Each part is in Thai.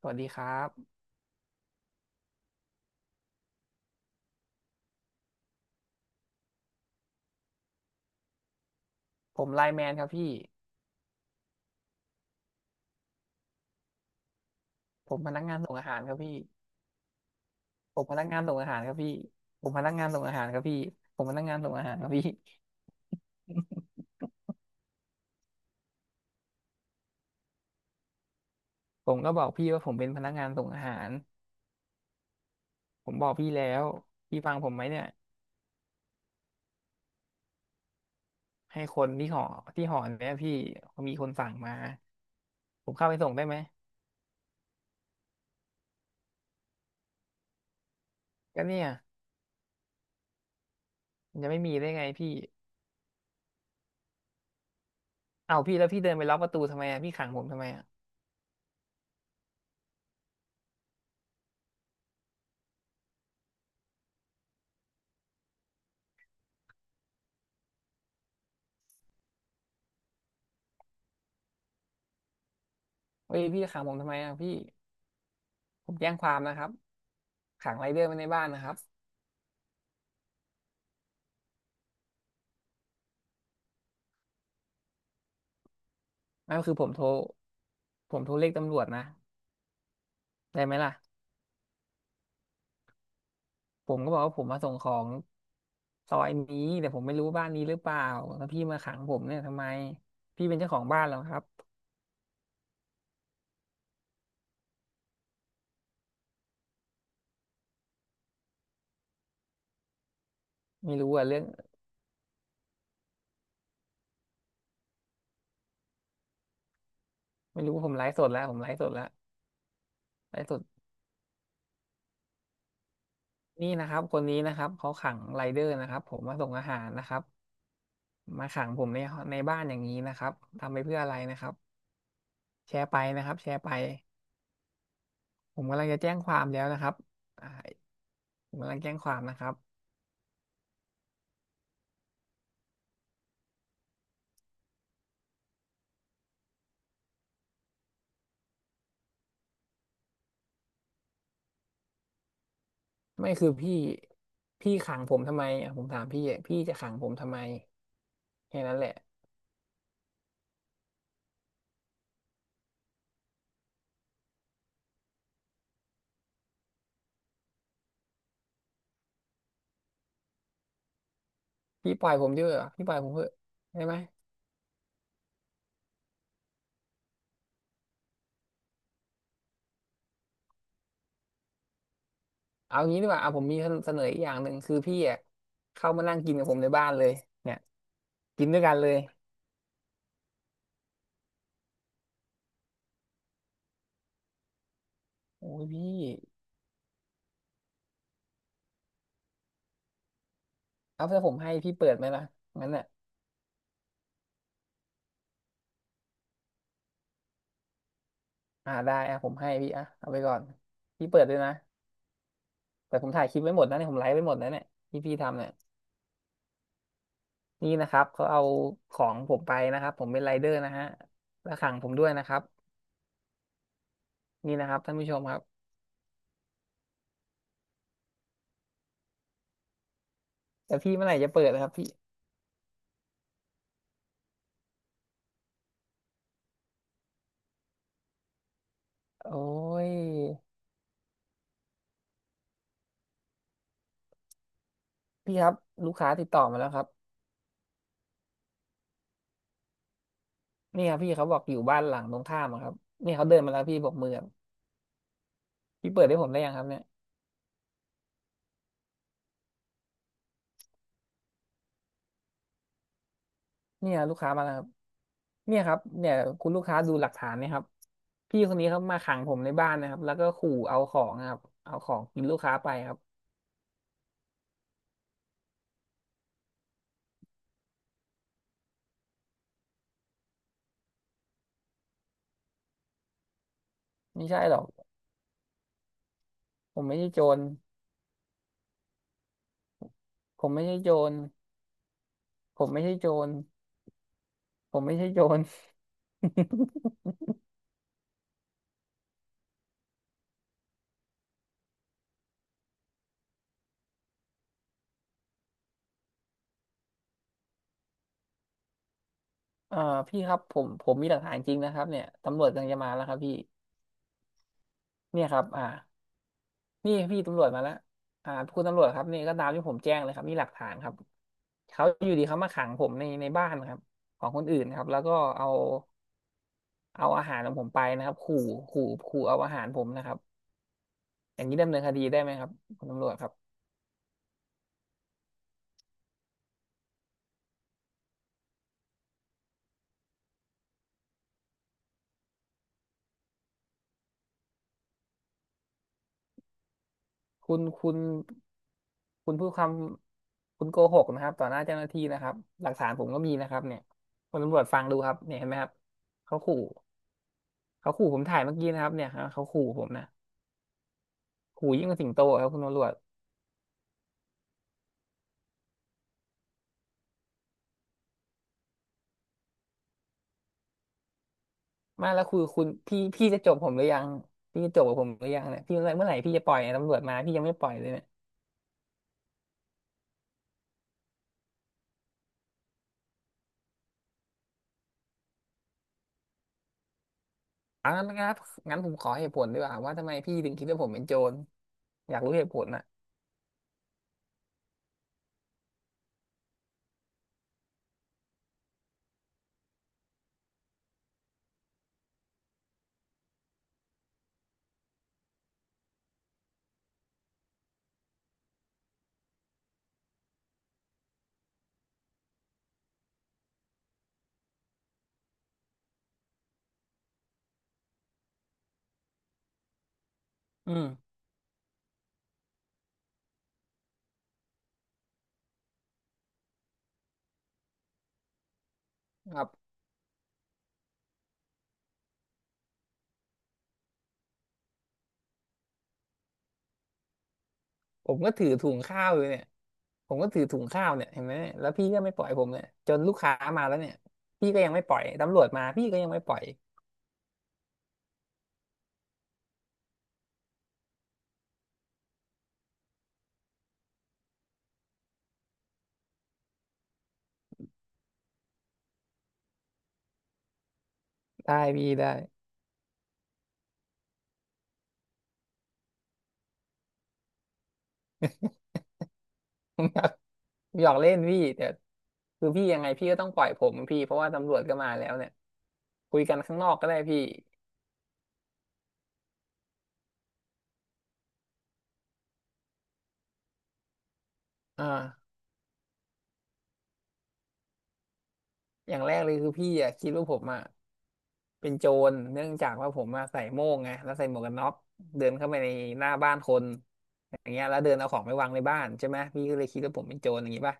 สวัสดีครับผมไลน์แมนครับพี่ผมพนักงานส่งอาหารครับพี่ผมพนักงานส่งอาหารครับพี่ผมพนักงานส่งอาหารครับพี่ผมพนักงานส่งอาหารครับพี่ผมก็บอกพี่ว่าผมเป็นพนักงานส่งอาหารผมบอกพี่แล้วพี่ฟังผมไหมเนี่ยให้คนที่หอที่หอเนี่ยพี่มีคนสั่งมาผมเข้าไปส่งได้ไหมก็เนี่ยมันจะไม่มีได้ไงพี่เอ้าพี่แล้วพี่เดินไปล็อกประตูทำไมอ่ะพี่ขังผมทำไมอ่ะเฮ้ยพี่ขังผมทำไมอ่ะพี่ผมแจ้งความนะครับขังไรเดอร์ไว้ในบ้านนะครับ ไม่ก็คือผมโทรผมโทรเรียกตำรวจนะได้ไหมล่ะผมก็บอกว่าผมมาส่งของซอยนี้แต่ผมไม่รู้บ้านนี้หรือเปล่าแล้วพี่มาขังผมเนี่ยทำไมพี่เป็นเจ้าของบ้านเหรอครับไม่รู้อะเรื่องไม่รู้ว่าผมไลฟ์สดแล้วผมไลฟ์สดแล้วไลฟ์สดนี่นะครับคนนี้นะครับเขาขังไรเดอร์นะครับผมมาส่งอาหารนะครับมาขังผมในบ้านอย่างนี้นะครับทำไปเพื่ออะไรนะครับแชร์ไปนะครับแชร์ไปผมกำลังจะแจ้งความแล้วนะครับอ่าผมกำลังแจ้งความนะครับ ไม่คือพี่ขังผมทำไมอ่ะผมถามพี่อ่ะพี่จะขังผมทำไมแค่นั้นแหละพี่ปล่อยผมด้วยเหรอพี่ปล่อยผมเถอะได้ไหมเอางี้ดีกว่าเอาผมมีเสนออีกอย่างหนึ่งคือพี่อ่ะเข้ามานั่งกินกับผมในบ้านเลยเนี่ยกินด้วยกันเลยโอ้ยพี่เอาถ้าผมให้พี่เปิดไหมล่ะงั้นอ่ะอ่าได้อ่ะผมให้พี่อ่ะเอาไปก่อนพี่เปิดด้วยนะแต่ผมถ่ายคลิปไว้หมดนะเนี่ยผมไลฟ์ไว้หมดนะเนี่ยที่พี่ทำเนี่ยนี่นะครับเขาเอาของผมไปนะครับผมเป็นไรเดอร์นะฮะแล้วขังผมด้วยนะครับ นี่นะครับท่านผู้ชมครับแต่พี่เมื่อไหร่จะเปิดนะครับพี่โอ้ยพี่ครับลูกค้าติดต่อมาแล้วครับนี่ครับพี่เขาบอกอยู่บ้านหลังตรงข้ามอะครับเนี่ยเขาเดินมาแล้วพี่บอกมือครับพี่เปิดให้ผมได้ยังครับเนี่ยเนี่ยลูกค้ามาแล้วครับเนี่ยครับเนี่ยคุณลูกค้าดูหลักฐานเนะครับพี่คนนี้เขามาขังผมในบ้านนะครับแล้วก็ขู่เอาของนะครับเอาของกินลูกค้าไปครับไม่ใช่หรอกผมไม่ใช่โจรผมไม่ใช่โจรผมไม่ใช่โจรผมไม่ใช่โจร เอ่อพี่ครับผมมีหลักฐานจริงนะครับเนี่ยตำรวจกำลังจะมาแล้วครับพี่เนี่ยครับนี่พี่ตำรวจมาแล้วคุณตำรวจครับนี่ก็ตามที่ผมแจ้งเลยครับนี่หลักฐานครับเขาอยู่ดีเขามาขังผมในบ้านครับของคนอื่นครับแล้วก็เอาเอาอาหารของผมไปนะครับขู่ขู่เอาอาหารผมนะครับอย่างนี้ดำเนินคดีได้ไหมครับคุณตำรวจครับคุณคุณพูดคำคุณโกหกนะครับต่อหน้าเจ้าหน้าที่นะครับหลักฐานผมก็มีนะครับเนี่ยคุณตำรวจฟังดูครับเนี่ยเห็นไหมครับเขาขู่ เขาขู่ผมถ่ายเมื่อกี้นะครับเนี่ยครับเขาขู่ผมนะขู่ยิ่งกว่าสิงโตอะครับคุณตำรวจมาแล้วคือคุณพี่พี่จะจบผมหรือยังพี่จะจบกับผมหรือยังเนี่ยพี่เมื่อไหร่พี่จะปล่อยเนี่ยตำรวจมาพี่ยังไม่ปล่อยเลยเนี่ยเอางั้นนะครับงั้นผมขอเหตุผลดีกว่าว่าทำไมพี่ถึงคิดว่าผมเป็นโจรอยากรู้เหตุผลน่ะอืมครับผมก็ถือถุงข้าวอยู่เนี่ยผมก็ถือถุงข้าวเนี่ยเห็นไหมเนี่ยแล้วพี่ก็ไม่ปล่อยผมเนี่ยจนลูกค้ามาแล้วเนี่ยพี่ก็ยังไม่ปล่อยตำรวจมาพี่ก็ยังไม่ปล่อยได้พี่ได้ หยอกเล่นพี่แต่คือพี่ยังไงพี่ก็ต้องปล่อยผมพี่เพราะว่าตำรวจก็มาแล้วเนี่ยคุยกันข้างนอกก็ได้พี่อ่าอย่างแรกเลยคือพี่อะคิดว่าผมอะเป็นโจรเนื่องจากว่าผมมาใส่โม่งไงแล้วใส่หมวกกันน็อกเดินเข้าไปในหน้าบ้านคนอย่างเงี้ยแล้วเดินเอาของไปวางในบ้านใช่ไหมพี่ก็เลยคิดว่าผมเป็นโจรอย่างงี้ป่ะ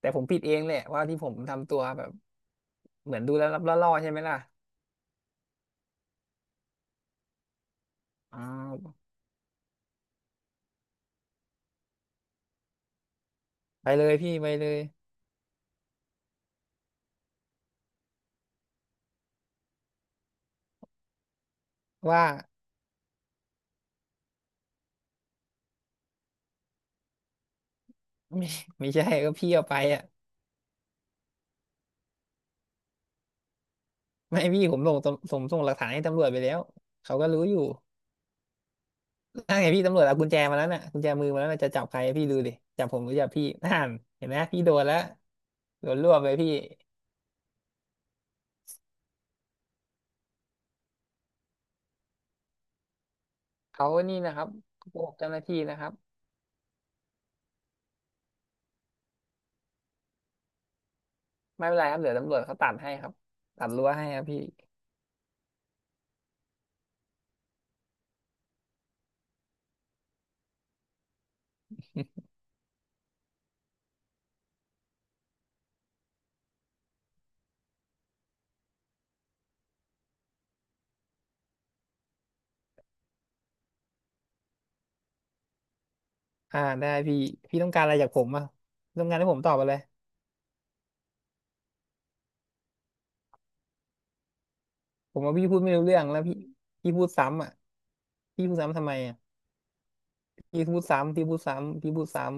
แต่ผมผิดเองแหละว่าที่ผมทำตัวแบบเหมือนดูแล้วรับล่อๆใช่ไหมล่ะอ่าไปเลยพี่ไปเลยว่า ไม่ไม่ใช่ก็พี่เอาไปอ่ะ ไม่พี่ผมส่งหลักฐานให้ตำรวจไปแล้วเขาก็รู้อยู่นั่นไงพี่ตำรวจเอากุญแจมาแล้วน่ะกุญแจมือมาแล้วน่ะจะจับใครพี่ดูดิจับผมหรือจับพี่นั่นเห็นไหมพี่โดนแล้วโดนรวบไปพี่เขานี่นะครับโกหกเจ้าหน้าที่นะครับไม่เป็นไรครับเดี๋ยวตำรวจเขาตัดให้ครับตัดรั้วให้ครับพี่ ได้พี่พี่ต้องการอะไรจากผมอ่ะต้องการให้ผมตอบอะไรผมว่าพี่พูดไม่รู้เรื่องแล้วพี่พี่พูดซ้ำอ่ะพี่พูดซ้ำทำไมอ่ะพี่พูดซ้ำพี่พูดซ้ำพี่พูดซ้ำ